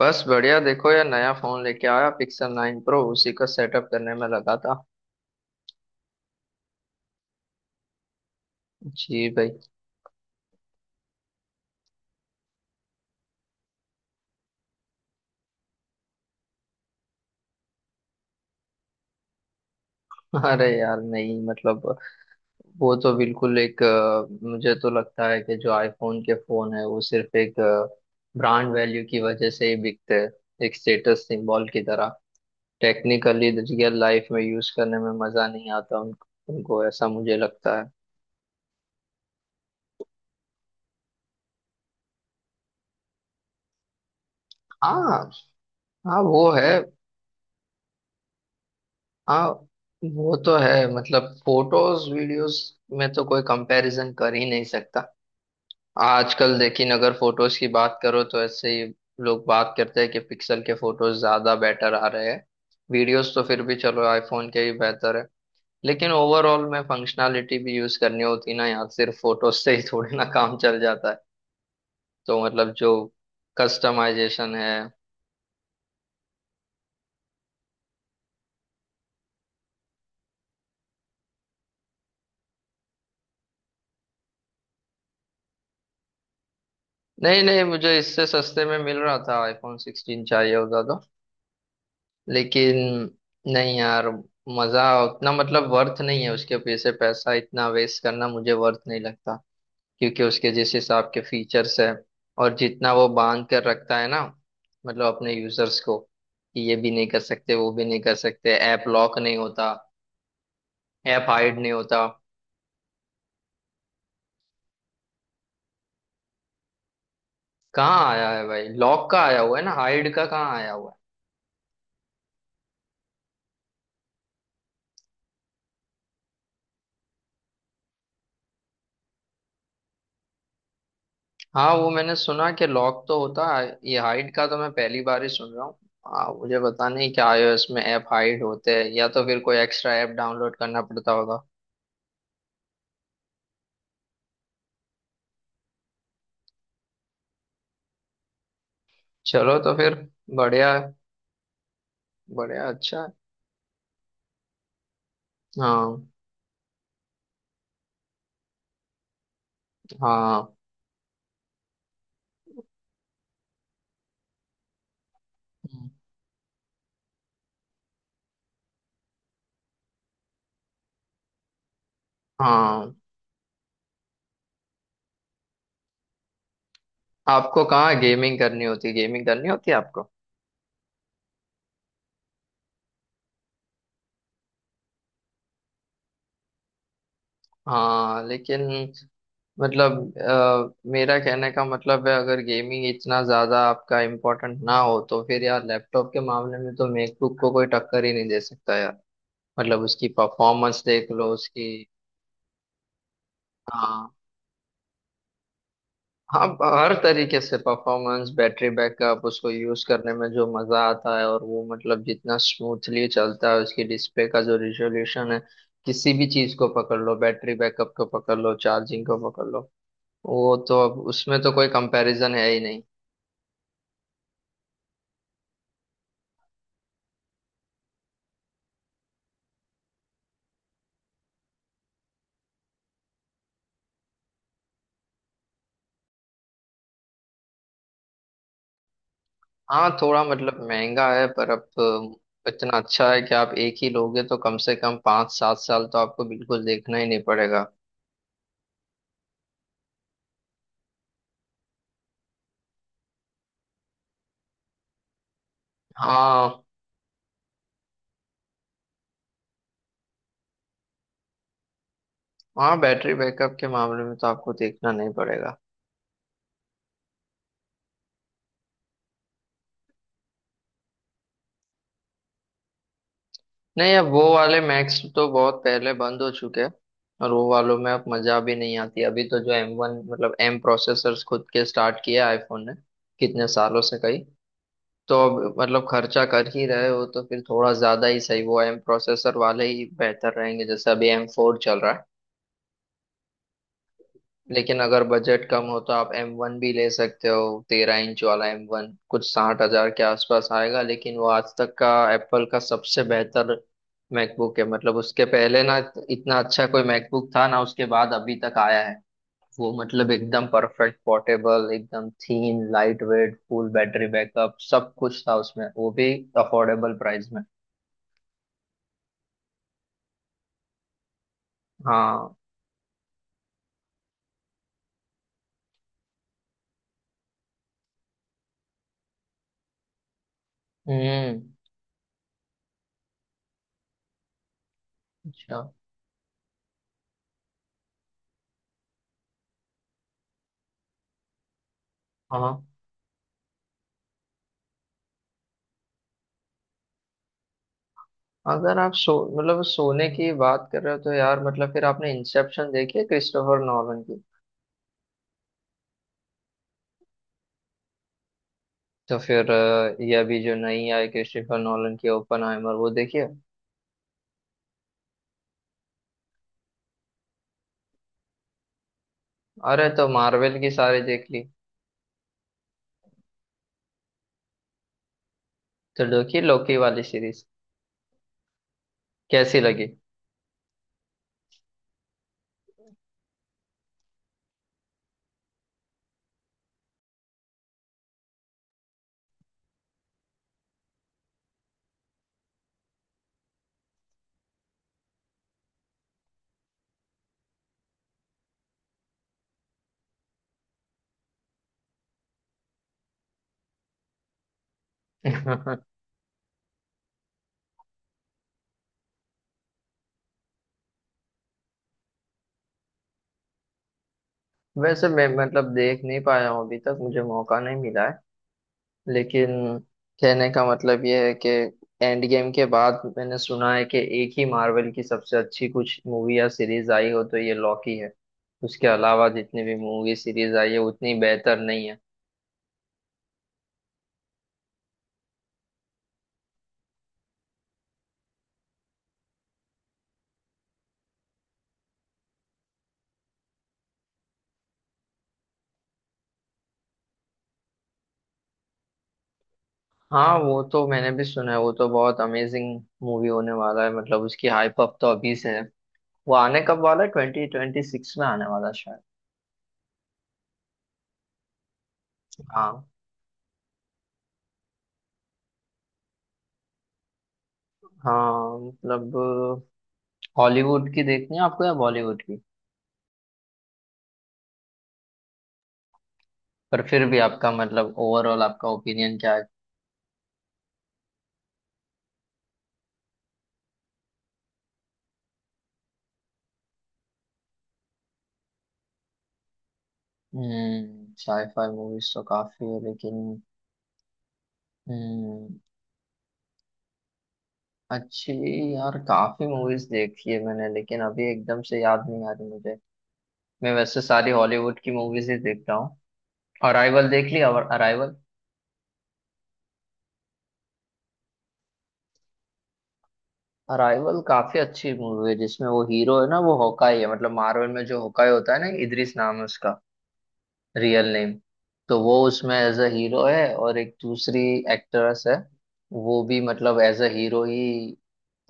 बस बढ़िया। देखो यार, नया फोन लेके आया, पिक्सल 9 प्रो। उसी का सेटअप करने में लगा था। जी भाई। अरे यार, नहीं मतलब वो तो बिल्कुल एक मुझे तो लगता है कि जो आईफोन के फोन है वो सिर्फ एक ब्रांड वैल्यू की वजह से ही बिकते हैं, एक स्टेटस सिंबल की तरह। टेक्निकली रियल लाइफ में यूज करने में मजा नहीं आता उनको। उनको ऐसा मुझे लगता है। हाँ। हाँ वो है। हाँ वो तो है। मतलब फोटोज वीडियोस में तो कोई कंपैरिजन कर ही नहीं सकता आजकल, लेकिन अगर फोटोज की बात करो तो ऐसे ही लोग बात करते हैं कि पिक्सल के फोटोज ज्यादा बेटर आ रहे हैं। वीडियोस तो फिर भी चलो आईफोन के ही बेहतर है। लेकिन ओवरऑल में फंक्शनैलिटी भी यूज करनी होती ना यार, सिर्फ फोटोज से ही थोड़ी ना काम चल जाता है। तो मतलब जो कस्टमाइजेशन है। नहीं नहीं, मुझे इससे सस्ते में मिल रहा था आईफोन सिक्सटीन, चाहिए होता तो। लेकिन नहीं यार, मजा उतना मतलब वर्थ नहीं है, उसके पीछे पैसा इतना वेस्ट करना मुझे वर्थ नहीं लगता। क्योंकि उसके जिस हिसाब के फीचर्स है, और जितना वो बांध कर रखता है ना, मतलब अपने यूजर्स को, कि ये भी नहीं कर सकते वो भी नहीं कर सकते, ऐप लॉक नहीं होता, ऐप हाइड नहीं होता। कहाँ आया है भाई? लॉक का आया हुआ है ना, हाइड का कहाँ आया हुआ है? हाँ वो मैंने सुना कि लॉक तो होता है, ये हाइड का तो मैं पहली बार ही सुन रहा हूँ। हाँ मुझे पता नहीं क्या iOS में ऐप हाइड होते हैं, या तो फिर कोई एक्स्ट्रा ऐप डाउनलोड करना पड़ता होगा। चलो तो फिर, बढ़िया है, बढ़िया अच्छा है। हाँ हाँ। हम्म। हाँ। आपको कहाँ गेमिंग करनी होती है आपको? हाँ लेकिन मतलब मेरा कहने का मतलब है अगर गेमिंग इतना ज्यादा आपका इम्पोर्टेंट ना हो तो फिर यार लैपटॉप के मामले में तो मैकबुक को कोई टक्कर ही नहीं दे सकता यार। मतलब उसकी परफॉर्मेंस देख लो उसकी। हाँ हाँ। हर तरीके से परफॉर्मेंस, बैटरी बैकअप, उसको यूज करने में जो मजा आता है, और वो मतलब जितना स्मूथली चलता है, उसकी डिस्प्ले का जो रिजोल्यूशन है, किसी भी चीज को पकड़ लो, बैटरी बैकअप को पकड़ लो, चार्जिंग को पकड़ लो, वो तो अब उसमें तो कोई कंपैरिजन है ही नहीं। हाँ थोड़ा मतलब महंगा है पर अब इतना अच्छा है कि आप एक ही लोगे तो कम से कम 5-7 साल तो आपको बिल्कुल देखना ही नहीं पड़ेगा। हाँ हाँ, बैटरी बैकअप के मामले में तो आपको देखना नहीं पड़ेगा। नहीं अब वो वाले मैक्स तो बहुत पहले बंद हो चुके हैं, और वो वालों में अब मजा भी नहीं आती। अभी तो जो एम वन मतलब एम प्रोसेसर्स खुद के स्टार्ट किए आईफोन ने कितने सालों से, कई। तो अब मतलब खर्चा कर ही रहे हो तो फिर थोड़ा ज्यादा ही सही, वो एम प्रोसेसर वाले ही बेहतर रहेंगे, जैसे अभी एम फोर चल रहा है। लेकिन अगर बजट कम हो तो आप एम वन भी ले सकते हो। 13 इंच वाला एम वन कुछ 60 हज़ार के आसपास आएगा, लेकिन वो आज तक का एप्पल का सबसे बेहतर मैकबुक है। मतलब उसके पहले ना इतना अच्छा कोई मैकबुक था, ना उसके बाद अभी तक आया है। वो मतलब एकदम परफेक्ट पोर्टेबल, एकदम thin light weight, full battery backup, सब कुछ था उसमें, वो भी अफोर्डेबल प्राइस में। हाँ। हम्म। अच्छा। हाँ अगर आप मतलब सोने की बात कर रहे हो तो यार मतलब फिर आपने इंसेप्शन देखी है क्रिस्टोफर नॉलन की? तो फिर ये अभी जो नई आई क्रिस्टोफर नॉलन की ओपनहाइमर, वो देखिए। अरे तो मार्वल की सारी देख ली? तो देखी लोकी वाली सीरीज? कैसी लगी? वैसे मैं मतलब देख नहीं पाया हूँ अभी तक, मुझे मौका नहीं मिला है। लेकिन कहने का मतलब ये है कि एंड गेम के बाद मैंने सुना है कि एक ही मार्वल की सबसे अच्छी कुछ मूवी या सीरीज आई हो तो ये लॉकी है। उसके अलावा जितनी भी मूवी सीरीज आई है उतनी बेहतर नहीं है। हाँ वो तो मैंने भी सुना है, वो तो बहुत अमेजिंग मूवी होने वाला है। मतलब उसकी हाइप अप तो अभी से है। वो आने कब वाला है? 2026 में आने वाला है शायद। हाँ हाँ। मतलब हॉलीवुड की देखनी है आपको या बॉलीवुड की? पर फिर भी आपका मतलब ओवरऑल आपका ओपिनियन क्या है? साईफाई मूवीज तो काफी है लेकिन हम्म अच्छी। यार काफी मूवीज देखी है मैंने लेकिन अभी एकदम से याद नहीं आ रही मुझे। मैं वैसे सारी हॉलीवुड की मूवीज ही देखता हूँ। अराइवल देख ली? अराइवल अराइवल काफी अच्छी मूवी है, जिसमें वो हीरो है ना, वो होकाई है, मतलब मार्वल में जो होकाई होता है ना, इद्रिस नाम है उसका रियल नेम। तो वो उसमें एज अ हीरो है, और एक दूसरी एक्ट्रेस है, वो भी मतलब एज अ हीरो ही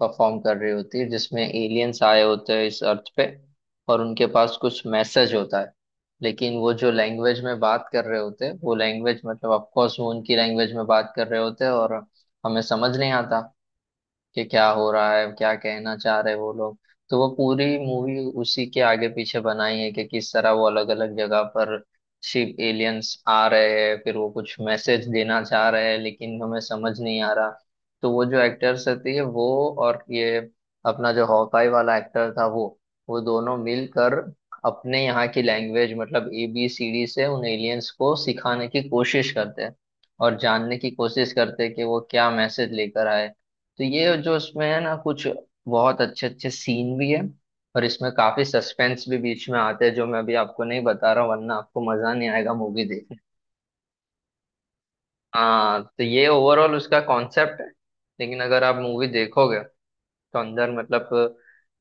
परफॉर्म कर रही होती है, जिसमें एलियंस आए होते हैं इस अर्थ पे, और उनके पास कुछ मैसेज होता है। लेकिन वो जो लैंग्वेज में बात कर रहे होते हैं, वो लैंग्वेज मतलब ऑफ कोर्स वो उनकी लैंग्वेज में बात कर रहे होते हैं, और हमें समझ नहीं आता कि क्या हो रहा है, क्या कहना चाह रहे वो लोग। तो वो पूरी मूवी उसी के आगे पीछे बनाई है, कि किस तरह वो अलग अलग जगह पर शिप एलियंस आ रहे हैं, फिर वो कुछ मैसेज देना चाह रहे हैं, लेकिन हमें समझ नहीं आ रहा। तो वो जो एक्टर्स रहती है वो, और ये अपना जो हॉकाई वाला एक्टर था वो दोनों मिलकर अपने यहाँ की लैंग्वेज मतलब ABCD से उन एलियंस को सिखाने की कोशिश करते हैं, और जानने की कोशिश करते हैं कि वो क्या मैसेज लेकर आए। तो ये जो इसमें है ना, कुछ बहुत अच्छे अच्छे सीन भी है, और इसमें काफी सस्पेंस भी बीच में आते हैं, जो मैं अभी आपको नहीं बता रहा हूँ वरना आपको मजा नहीं आएगा मूवी देखने। हाँ तो ये ओवरऑल उसका कॉन्सेप्ट है, लेकिन अगर आप मूवी देखोगे तो अंदर मतलब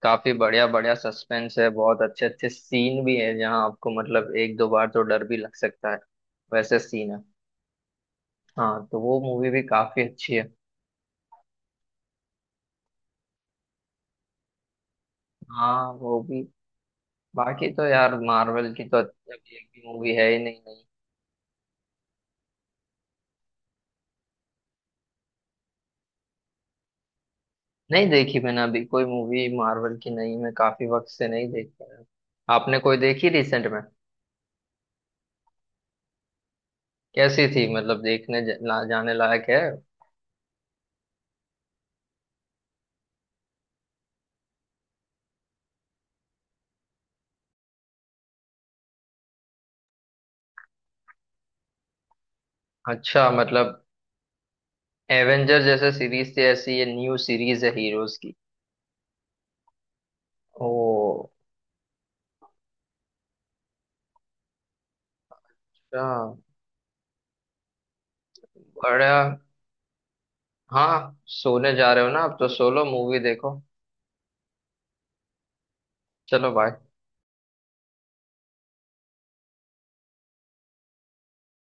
काफी बढ़िया बढ़िया सस्पेंस है, बहुत अच्छे अच्छे सीन भी है जहाँ आपको मतलब 1-2 बार तो डर भी लग सकता है, वैसे सीन है। हाँ तो वो मूवी भी काफी अच्छी है। हाँ वो भी। बाकी तो यार मार्वल की तो अभी एक भी मूवी है ही नहीं, नहीं नहीं देखी मैंने अभी कोई मूवी मार्वल की नहीं, मैं काफी वक्त से नहीं देख पाया। आपने कोई देखी रिसेंट में? कैसी थी? मतलब देखने जाने लायक है? अच्छा मतलब एवेंजर जैसे सीरीज थी ऐसी ये न्यू सीरीज है हीरोज की? ओ अच्छा। बड़ा। हाँ सोने जा रहे हो ना, अब तो सोलो मूवी देखो। चलो बाय।